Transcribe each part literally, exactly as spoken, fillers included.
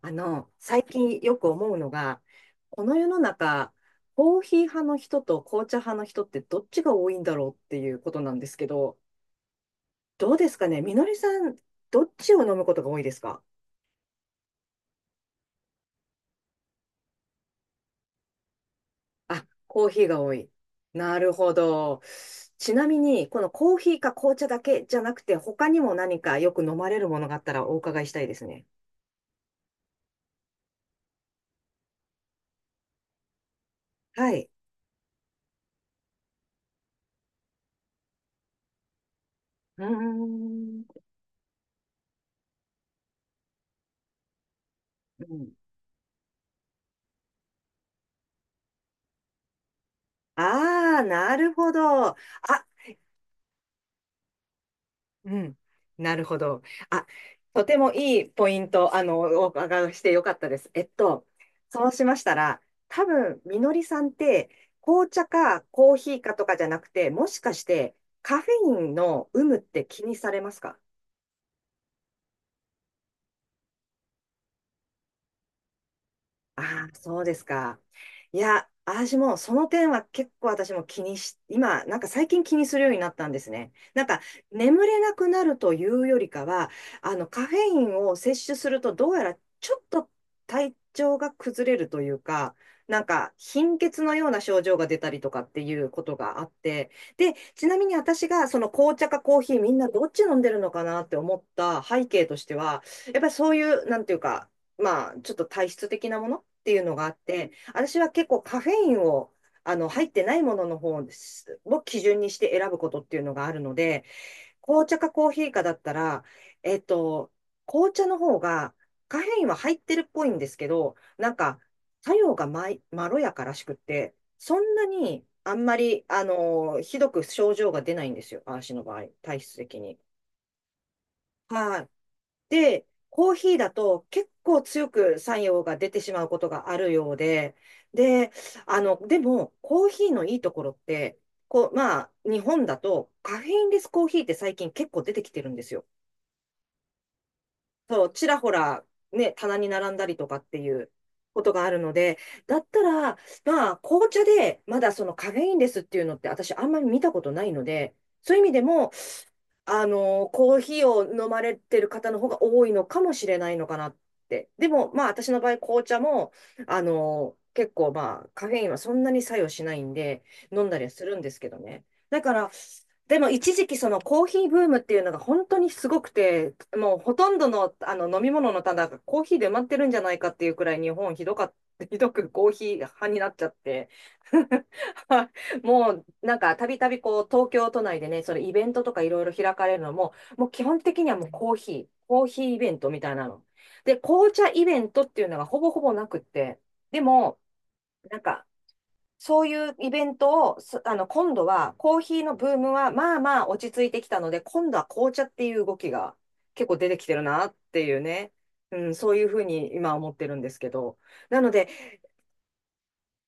あの、最近よく思うのが、この世の中、コーヒー派の人と紅茶派の人ってどっちが多いんだろうっていうことなんですけど、どうですかねみのりさん、どっちを飲むことが多いですか？あ、コーヒーが多い。なるほど。ちなみに、このコーヒーか紅茶だけじゃなくて、他にも何かよく飲まれるものがあったらお伺いしたいですね。はい。うーん。うん。ああー、なるほど。あ、うん。なるほど。あ、とてもいいポイント、あの、お伺いしてよかったです。えっと、そうしましたら、多分、みのりさんって、紅茶かコーヒーかとかじゃなくて、もしかして、カフェインの有無って気にされますか？ああ、そうですか。いや、私もその点は結構私も気にし、今、なんか最近気にするようになったんですね。なんか眠れなくなるというよりかは、あのカフェインを摂取するとどうやらちょっと体調が崩れるというか、なんか貧血のような症状が出たりとかっていうことがあって、で、ちなみに私がその紅茶かコーヒーみんなどっち飲んでるのかなって思った背景としては、やっぱりそういう、なんていうか、まあ、ちょっと体質的なものっていうのがあって、私は結構カフェインを、あの、入ってないものの方を基準にして選ぶことっていうのがあるので、紅茶かコーヒーかだったら、えっと、紅茶の方がカフェインは入ってるっぽいんですけど、なんか作用がまい、まろやからしくって、そんなにあんまり、あの、ひどく症状が出ないんですよ、私の場合、体質的に。はい。で、コーヒーだと結構強く作用が出てしまうことがあるようで、で、あの、でも、コーヒーのいいところって、こう、まあ、日本だとカフェインレスコーヒーって最近結構出てきてるんですよ。そう、ちらほら、ね、棚に並んだりとかっていうことがあるので、だったら、まあ、紅茶でまだそのカフェインレスっていうのって私あんまり見たことないので、そういう意味でも、あの、コーヒーを飲まれてる方の方が多いのかもしれないのかなって。でも、まあ、私の場合、紅茶も、あの、結構、まあ、カフェインはそんなに作用しないんで、飲んだりはするんですけどね。だから、でも一時期そのコーヒーブームっていうのが本当にすごくて、もうほとんどの、あの飲み物の棚がコーヒーで埋まってるんじゃないかっていうくらい日本ひどかっ ひどくコーヒー派になっちゃって もうなんか、たびたびこう、東京都内でね、それイベントとかいろいろ開かれるのも、もう基本的にはもうコーヒー、コーヒーイベントみたいなの。で、紅茶イベントっていうのがほぼほぼなくって、でも、なんか、そういうイベントを、すあの、今度は、コーヒーのブームは、まあまあ落ち着いてきたので、今度は紅茶っていう動きが結構出てきてるなっていうね、うん、そういうふうに今思ってるんですけど。なので、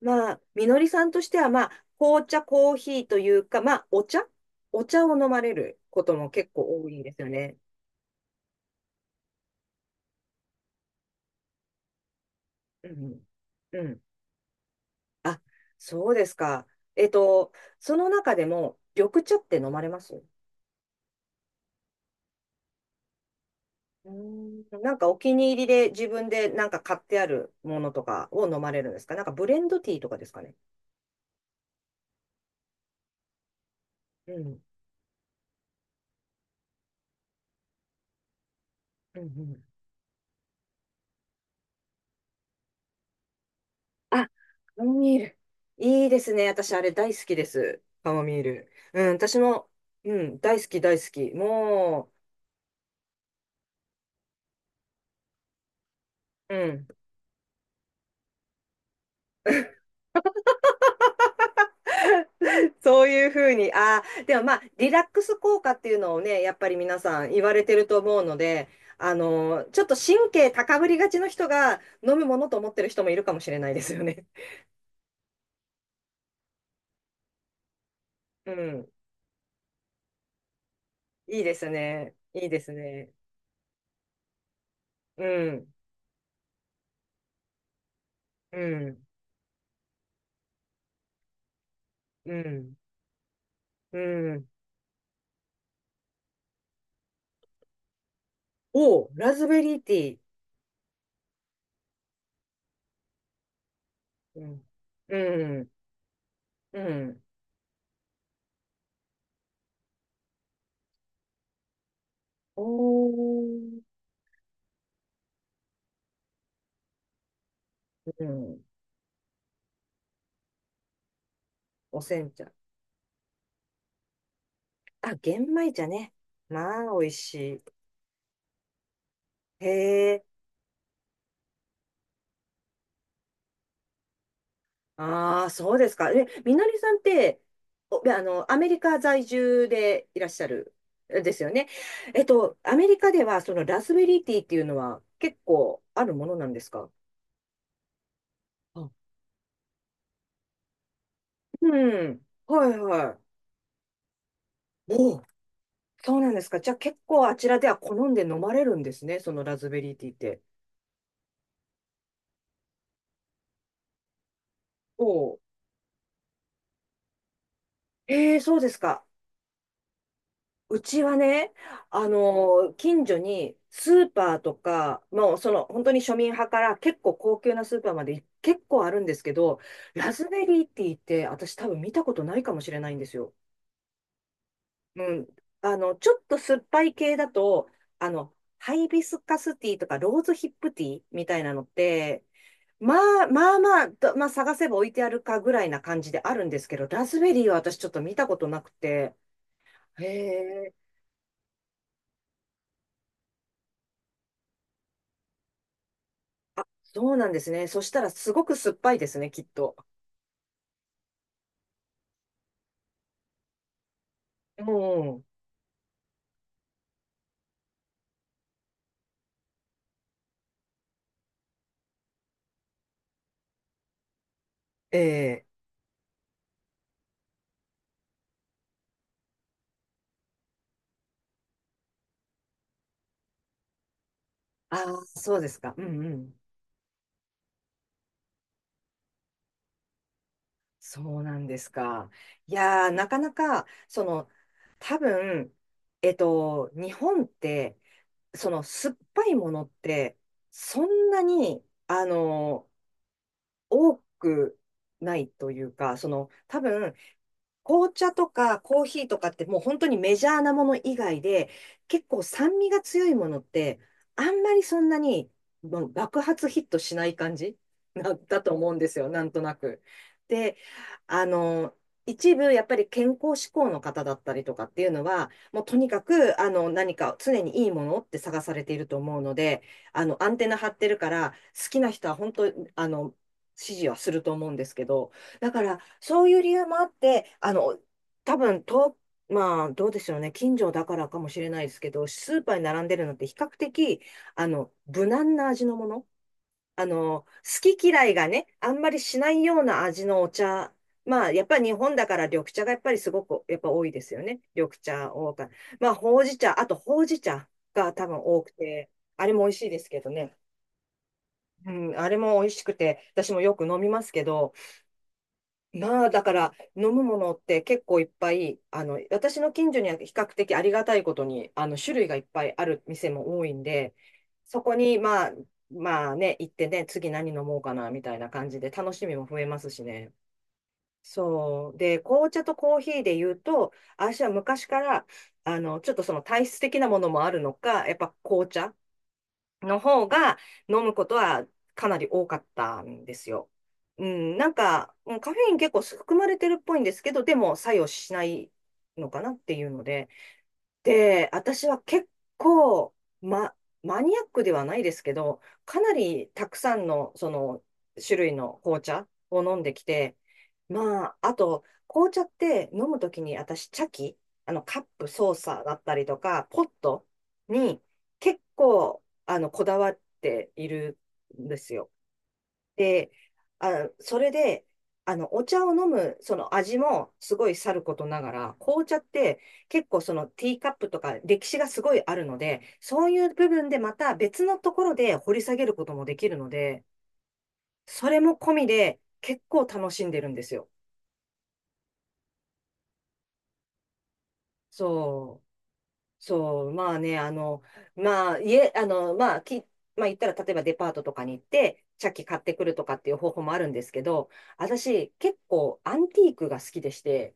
まあ、みのりさんとしては、まあ、紅茶、コーヒーというか、まあ、お茶お茶を飲まれることも結構多いんですよね。うん。うん。あ、そうですか。えっと、その中でも、緑茶って飲まれますうーん、なんかお気に入りで自分でなんか買ってあるものとかを飲まれるんですか？なんかブレンドティーとかですかね。うん。うんうん。あ、カモミール。いいですね。私、あれ大好きです。カモミール。うん、私も、うん、大好き、大好き。もう、うん。そういうふうに、ああ、でもまあ、リラックス効果っていうのをね、やっぱり皆さん言われてると思うので、あのー、ちょっと神経高ぶりがちの人が飲むものと思ってる人もいるかもしれないですよね。うん。いいですね。いいですね。うん。うん。うん。うん。おう、ラズベリーティー。うん。うんうん。おー、うん。おせん茶。あ、玄米茶ね。まあ、美味しい。へえ。ああ、そうですか。え、みのりさんって、お、あの、アメリカ在住でいらっしゃる、えですよね。えっと、アメリカでは、そのラズベリーティーっていうのは結構あるものなんですか？あ、うん。はいはい。おう、そうなんですか。じゃあ結構あちらでは好んで飲まれるんですね。そのラズベリーティーって。おう。ええ、そうですか。うちはね、あの、近所にスーパーとか、もうその本当に庶民派から結構高級なスーパーまで結構あるんですけど、ラズベリーティーって私多分見たことないかもしれないんですよ。うん。あの、ちょっと酸っぱい系だと、あの、ハイビスカスティーとかローズヒップティーみたいなのって、まあまあまあ、どまあ探せば置いてあるかぐらいな感じであるんですけど、ラズベリーは私ちょっと見たことなくて、へえ。そうなんですね。そしたらすごく酸っぱいですね、きっと。うん。ええ。ああ、そうですか。うんうん。そうなんですか。いやー、なかなか、その、多分、えっと、日本って、その、酸っぱいものって、そんなに、あの、多くないというか、その、多分、紅茶とかコーヒーとかってもう本当にメジャーなもの以外で、結構酸味が強いものって、あんまりそんなにもう爆発ヒットしない感じ なだと思うんですよ、なんとなく。で、あの、一部やっぱり健康志向の方だったりとかっていうのは、もうとにかくあの何か常にいいものって探されていると思うので、あのアンテナ張ってるから、好きな人は本当、あの、支持はすると思うんですけど、だから、そういう理由もあって、あの、多分と、まあ、どうでしょうね、近所だからかもしれないですけど、スーパーに並んでるのって比較的、あの、無難な味のもの。あの、好き嫌いがね、あんまりしないような味のお茶。まあ、やっぱり日本だから緑茶がやっぱりすごく、やっぱ多いですよね。緑茶多か、まあ、ほうじ茶、あとほうじ茶が多分多くて、あれも美味しいですけどね。うん、あれも美味しくて、私もよく飲みますけど、まあ、だから、飲むものって結構いっぱい、あの、私の近所には比較的ありがたいことに、あの、種類がいっぱいある店も多いんで、そこに、まあ、まあね、行ってね、次何飲もうかな、みたいな感じで、楽しみも増えますしね。そう。で、紅茶とコーヒーで言うと、私は昔から、あの、ちょっとその体質的なものもあるのか、やっぱ紅茶の方が飲むことはかなり多かったんですよ。うん、なんか、うん、カフェイン結構含まれてるっぽいんですけど、でも作用しないのかなっていうので、で、私は結構、ま、マニアックではないですけど、かなりたくさんの、その、種類の紅茶を飲んできて、まあ、あと、紅茶って飲むときに私、茶器、あの、カップ、ソーサーだったりとか、ポットに結構、あの、こだわっているんですよ。で、あ、それで、あの、お茶を飲む、その味もすごいさることながら、紅茶って結構そのティーカップとか歴史がすごいあるので、そういう部分でまた別のところで掘り下げることもできるので、それも込みで結構楽しんでるんですよ。そう、そう、まあね、あの、まあ、家、あの、まあ、き、まあ言ったら例えばデパートとかに行って、茶器買ってくるとかっていう方法もあるんですけど、私結構アンティークが好きでして、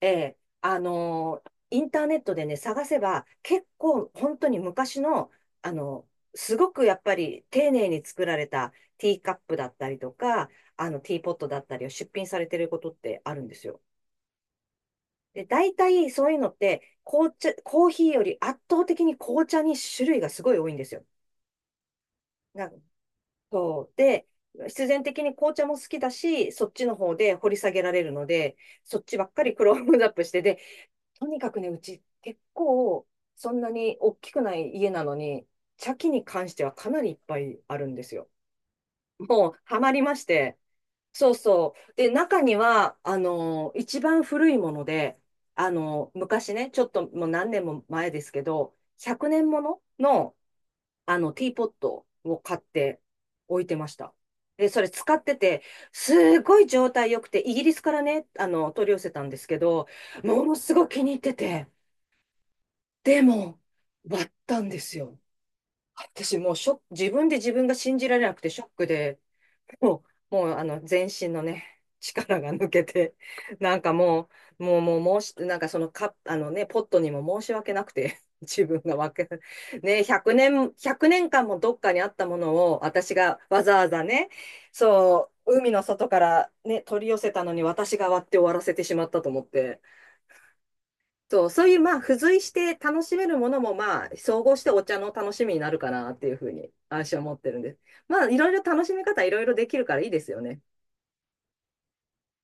ええ、あのーインターネットでね、探せば、結構本当に昔の、あの、すごくやっぱり丁寧に作られたティーカップだったりとか、あの、ティーポットだったりを出品されてることってあるんですよ。で、大体そういうのって、紅茶、コーヒーより圧倒的に紅茶に種類がすごい多いんですよ。なんかそう。で、必然的に紅茶も好きだし、そっちの方で掘り下げられるので、そっちばっかりクロームアップして、で、とにかくね、うち結構、そんなに大きくない家なのに、茶器に関してはかなりいっぱいあるんですよ。もう、ハマりまして。そうそう。で、中には、あの、一番古いもので、あの、昔ね、ちょっともう何年も前ですけど、ひゃくねんものの、あの、ティーポットを買って置いてました。で、それ使ってて、すごい状態良くて、イギリスからね、あの、取り寄せたんですけど、ものすごい気に入ってて、でも、割ったんですよ。私もうショック、自分で自分が信じられなくてショックで、もう、もうあの全身のね、力が抜けて、なんかもう、もう、もう、申し、なんかそのカッあのね、ポットにも申し訳なくて、自分がわけ、ね、ひゃくねん、いちねんかんもどっかにあったものを、私がわざわざね、そう、海の外からね、取り寄せたのに私が割って終わらせてしまったと思って、そう、そういう、まあ、付随して楽しめるものも、まあ、総合してお茶の楽しみになるかなっていうふうに、私は思ってるんです。まあ、いろいろ楽しみ方、いろいろできるからいいですよね。